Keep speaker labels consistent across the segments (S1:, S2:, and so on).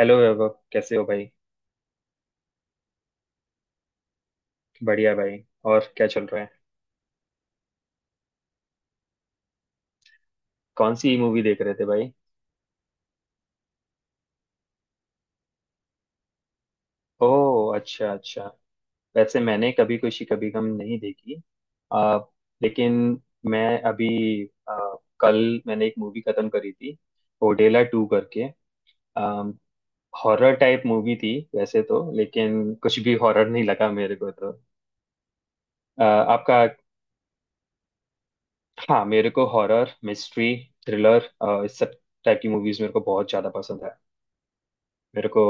S1: Hello Vaibhav, कैसे हो भाई। बढ़िया भाई। और क्या चल रहा है। कौन सी मूवी देख रहे थे भाई। ओह, अच्छा अच्छा। वैसे मैंने कभी खुशी कभी गम नहीं देखी। आ, लेकिन मैं अभी आ, कल मैंने एक मूवी खत्म करी थी ओडेला टू करके। हॉरर टाइप मूवी थी वैसे तो, लेकिन कुछ भी हॉरर नहीं लगा मेरे को तो। आपका। हाँ, मेरे को हॉरर मिस्ट्री थ्रिलर इस सब टाइप की मूवीज मेरे को बहुत ज्यादा पसंद है मेरे को।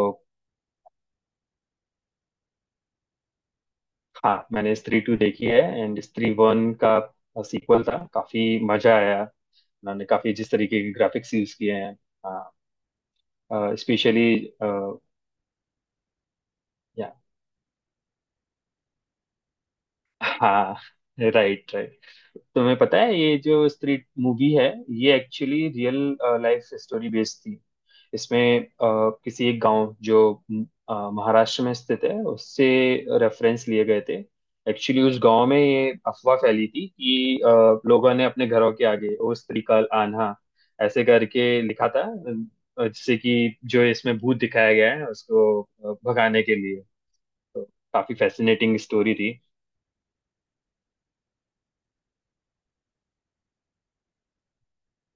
S1: हाँ, मैंने स्त्री टू देखी है। एंड स्त्री वन का सीक्वल था, काफी मजा आया। उन्होंने काफी जिस तरीके के ग्राफिक्स यूज किए हैं स्पेशली। हाँ। Right right. तुम्हें पता है ये जो स्त्री मूवी है, ये actually real life story based थी। इसमें किसी एक गांव जो महाराष्ट्र में स्थित है उससे रेफरेंस लिए गए थे। एक्चुअली उस गांव में ये अफवाह फैली थी कि लोगों ने अपने घरों के आगे ओ स्त्री का आन्हा ऐसे करके लिखा था, जिससे कि जो इसमें भूत दिखाया गया है उसको भगाने के लिए। तो काफी फैसिनेटिंग स्टोरी थी।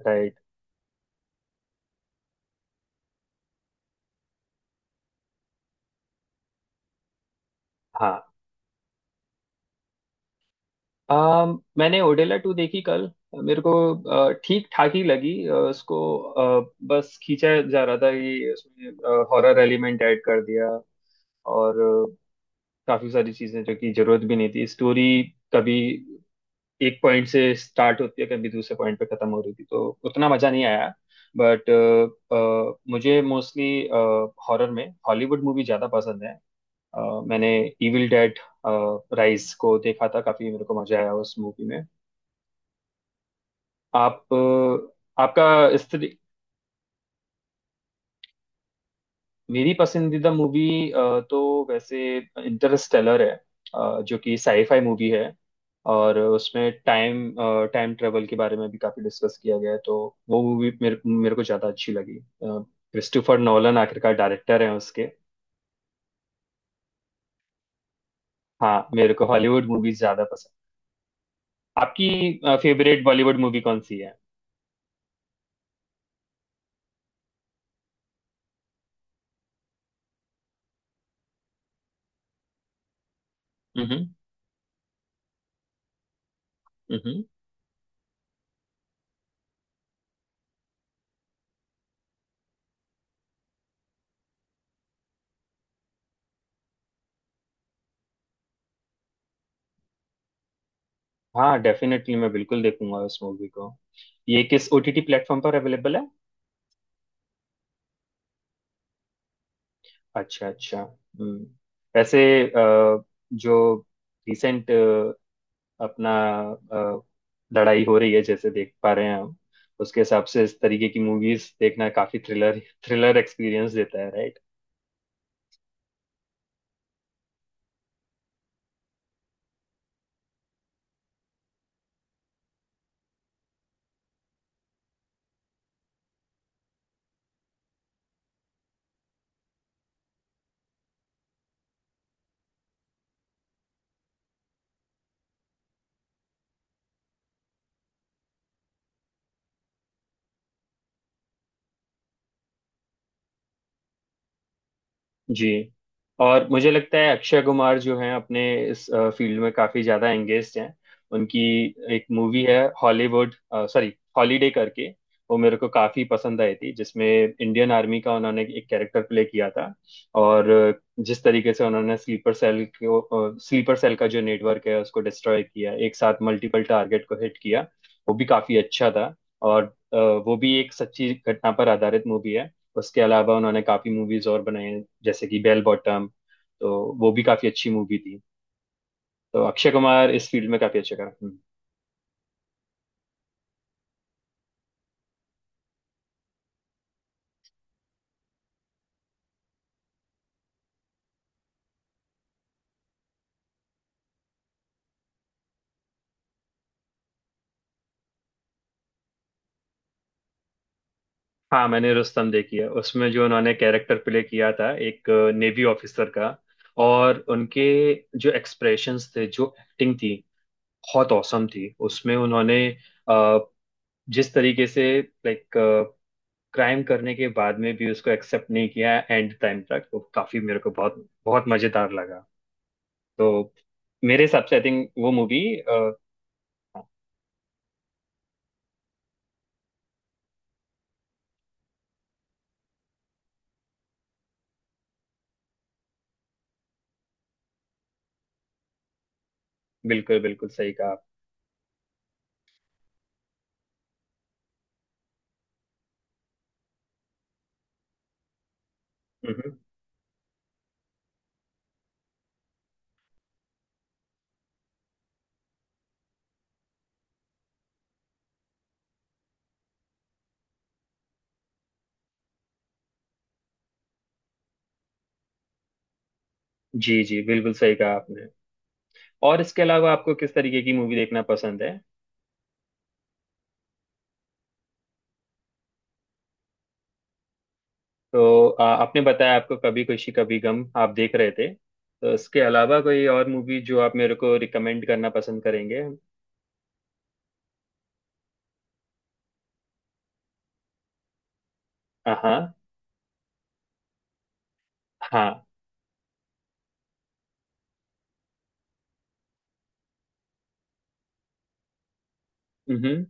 S1: राइट। मैंने ओडेला टू देखी कल, मेरे को ठीक ठाक ही लगी। उसको बस खींचा जा रहा था कि उसमें हॉरर एलिमेंट ऐड कर दिया, और काफी सारी चीजें जो कि जरूरत भी नहीं थी स्टोरी। कभी एक पॉइंट से स्टार्ट होती है, कभी दूसरे पॉइंट पे खत्म हो रही थी, तो उतना मजा नहीं आया। बट मुझे मोस्टली हॉरर में हॉलीवुड मूवी ज्यादा पसंद है। अ, मैंने इविल डेड राइज को देखा था, काफी मेरे को मजा आया उस मूवी में। आप आपका इस तरी- मेरी पसंदीदा मूवी तो वैसे इंटरस्टेलर है, जो कि साईफाई मूवी है। और उसमें टाइम टाइम ट्रेवल के बारे में भी काफी डिस्कस किया गया है। तो वो मूवी मेरे मेरे को ज्यादा अच्छी लगी। क्रिस्टोफर नोलन आखिरकार डायरेक्टर हैं उसके। हाँ, मेरे को हॉलीवुड मूवीज ज्यादा पसंद। आपकी फेवरेट बॉलीवुड मूवी कौन सी है। हम्म हम्म। हाँ डेफिनेटली, मैं बिल्कुल देखूंगा उस मूवी को। ये किस ओटीटी प्लेटफॉर्म पर अवेलेबल है। अच्छा अच्छा, हम्म। वैसे अ, जो रिसेंट अपना अ, लड़ाई हो रही है, जैसे देख पा रहे हैं हम, उसके हिसाब से इस तरीके की मूवीज देखना काफी थ्रिलर थ्रिलर एक्सपीरियंस देता है, right? जी। और मुझे लगता है अक्षय कुमार जो हैं अपने इस फील्ड में काफी ज्यादा एंगेज्ड हैं। उनकी एक मूवी है हॉलीवुड, सॉरी हॉलीडे करके। वो मेरे को काफी पसंद आई थी, जिसमें इंडियन आर्मी का उन्होंने एक कैरेक्टर प्ले किया था। और जिस तरीके से उन्होंने स्लीपर सेल का जो नेटवर्क है उसको डिस्ट्रॉय किया, एक साथ मल्टीपल टारगेट को हिट किया, वो भी काफी अच्छा था। और वो भी एक सच्ची घटना पर आधारित मूवी है। उसके अलावा उन्होंने काफी मूवीज और बनाई हैं, जैसे कि बेल बॉटम, तो वो भी काफी अच्छी मूवी थी। तो अक्षय कुमार इस फील्ड में काफी अच्छे कर, हाँ, मैंने रुस्तम देखी है। उसमें जो उन्होंने कैरेक्टर प्ले किया था एक नेवी ऑफिसर का, और उनके जो एक्सप्रेशंस थे जो एक्टिंग थी बहुत औसम थी उसमें उन्होंने। अ, जिस तरीके से लाइक क्राइम करने के बाद में भी उसको एक्सेप्ट नहीं किया एंड टाइम तक, वो काफी मेरे को बहुत बहुत मजेदार लगा। तो मेरे हिसाब से आई थिंक वो मूवी। बिल्कुल बिल्कुल सही कहा आप। हम्म। जी जी, बिल्कुल सही कहा आपने। और इसके अलावा आपको किस तरीके की मूवी देखना पसंद है। तो आपने बताया आपको कभी खुशी कभी गम आप देख रहे थे, तो इसके अलावा कोई और मूवी जो आप मेरे को रिकमेंड करना पसंद करेंगे। हाँ हाँ। हम्म।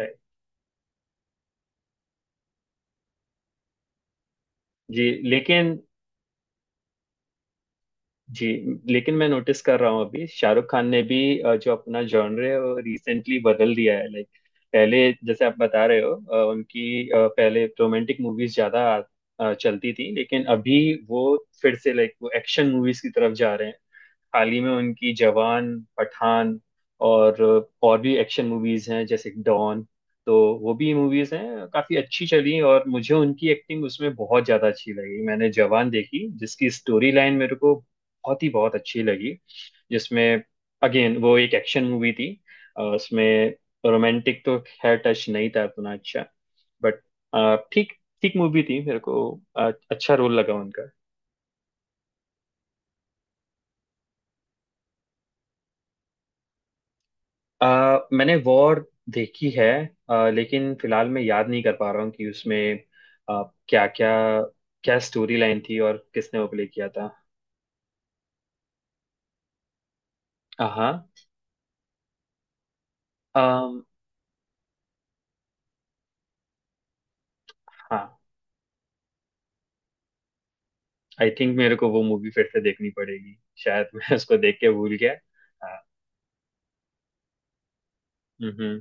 S1: राइट। जी लेकिन जी, लेकिन मैं नोटिस कर रहा हूँ अभी शाहरुख खान ने भी जो अपना जॉनर है वो रिसेंटली बदल दिया है, लाइक पहले जैसे आप बता रहे हो उनकी पहले रोमांटिक मूवीज ज्यादा चलती थी, लेकिन अभी वो फिर से लाइक वो एक्शन मूवीज की तरफ जा रहे हैं। हाल ही में उनकी जवान, पठान और और भी एक्शन मूवीज हैं जैसे डॉन, तो वो भी मूवीज हैं काफी अच्छी चली, और मुझे उनकी एक्टिंग उसमें बहुत ज्यादा अच्छी लगी। मैंने जवान देखी जिसकी स्टोरी लाइन मेरे को बहुत ही बहुत अच्छी लगी, जिसमें अगेन वो एक एक्शन मूवी थी। उसमें रोमांटिक तो खैर टच नहीं था उतना अच्छा, बट ठीक ठीक मूवी थी मेरे को। अच्छा रोल लगा उनका। मैंने वॉर देखी है, लेकिन फिलहाल मैं याद नहीं कर पा रहा हूँ कि उसमें आ, क्या क्या क्या स्टोरी लाइन थी और किसने वो प्ले किया था। हाँ। अम, हाँ, आई थिंक मेरे को वो मूवी फिर से देखनी पड़ेगी शायद। मैं उसको देख के भूल गया। हाँ। हम्म।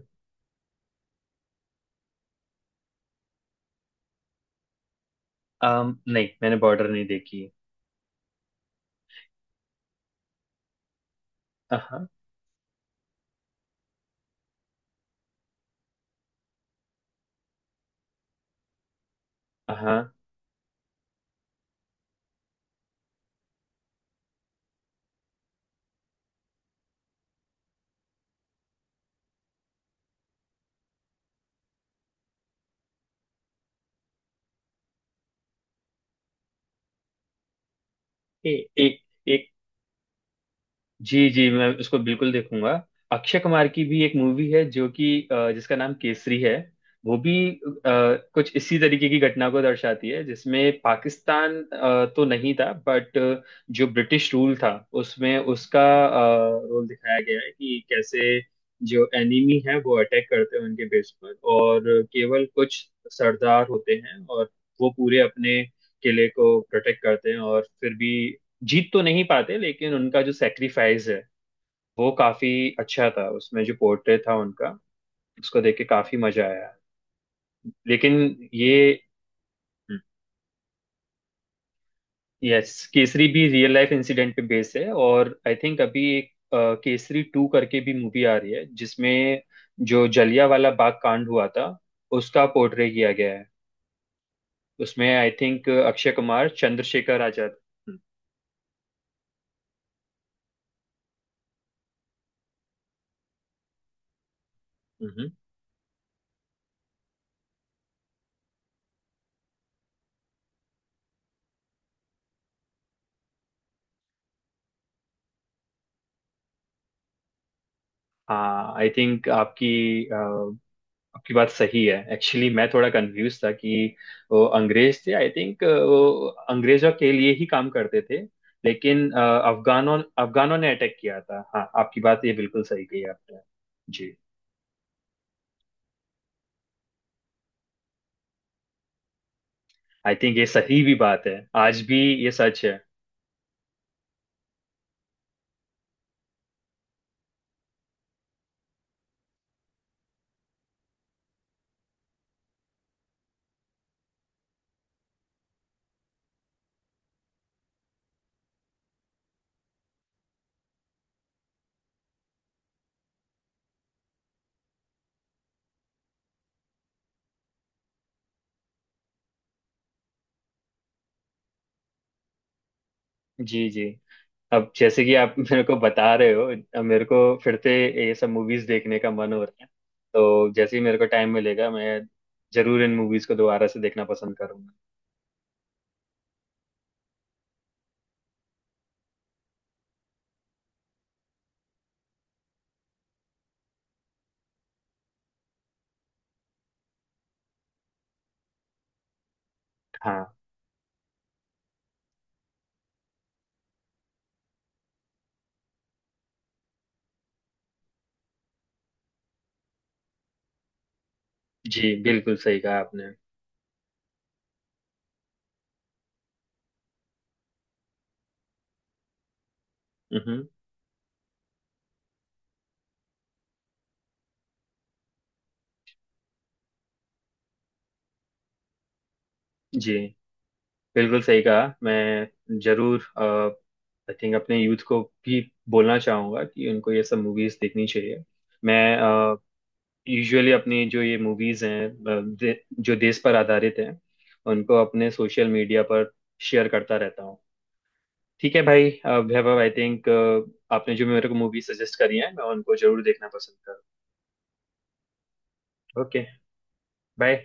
S1: नहीं, मैंने बॉर्डर नहीं देखी। हाँ हाँ। ए, ए, एक। जी जी, मैं उसको बिल्कुल देखूंगा। अक्षय कुमार की भी एक मूवी है जो कि जिसका नाम केसरी है। वो भी कुछ इसी तरीके की घटना को दर्शाती है, जिसमें पाकिस्तान तो नहीं था, बट जो ब्रिटिश रूल था उसमें उसका रोल दिखाया गया है कि कैसे जो एनिमी है वो अटैक करते हैं उनके बेस पर, और केवल कुछ सरदार होते हैं और वो पूरे अपने किले को प्रोटेक्ट करते हैं, और फिर भी जीत तो नहीं पाते, लेकिन उनका जो सेक्रीफाइस है वो काफी अच्छा था उसमें जो पोर्ट्रेट था उनका, उसको देख के काफी मजा आया। लेकिन ये यस, केसरी भी रियल लाइफ इंसिडेंट पे बेस है। और आई थिंक अभी एक केसरी टू करके भी मूवी आ रही है, जिसमें जो जलियांवाला बाग कांड हुआ था उसका पोर्ट्रे किया गया है। उसमें आई थिंक अक्षय कुमार चंद्रशेखर आजाद। हम्म, हम्म। हाँ आई थिंक आपकी आपकी बात सही है। एक्चुअली मैं थोड़ा कंफ्यूज था कि वो अंग्रेज थे आई थिंक, वो अंग्रेजों के लिए ही काम करते थे। लेकिन अफगानों अफगानों ने अटैक किया था। हाँ आपकी बात ये बिल्कुल सही कही आपने। जी। आई थिंक ये सही भी बात है। आज भी ये सच है। जी जी, अब जैसे कि आप मेरे को बता रहे हो, अब मेरे को फिर से ये सब मूवीज देखने का मन हो रहा है। तो जैसे ही मेरे को टाइम मिलेगा मैं जरूर इन मूवीज को दोबारा से देखना पसंद करूंगा। हाँ। जी, बिल्कुल सही कहा आपने। हम्म। जी, बिल्कुल सही कहा। मैं जरूर आई थिंक अपने यूथ को भी बोलना चाहूंगा कि उनको ये सब मूवीज देखनी चाहिए। मैं यूजुअली अपनी जो ये मूवीज हैं जो देश पर आधारित हैं उनको अपने सोशल मीडिया पर शेयर करता रहता हूँ। ठीक है भाई वैभव, आई थिंक आपने जो मेरे को मूवी सजेस्ट करी है मैं उनको जरूर देखना पसंद करूँ। Okay bye.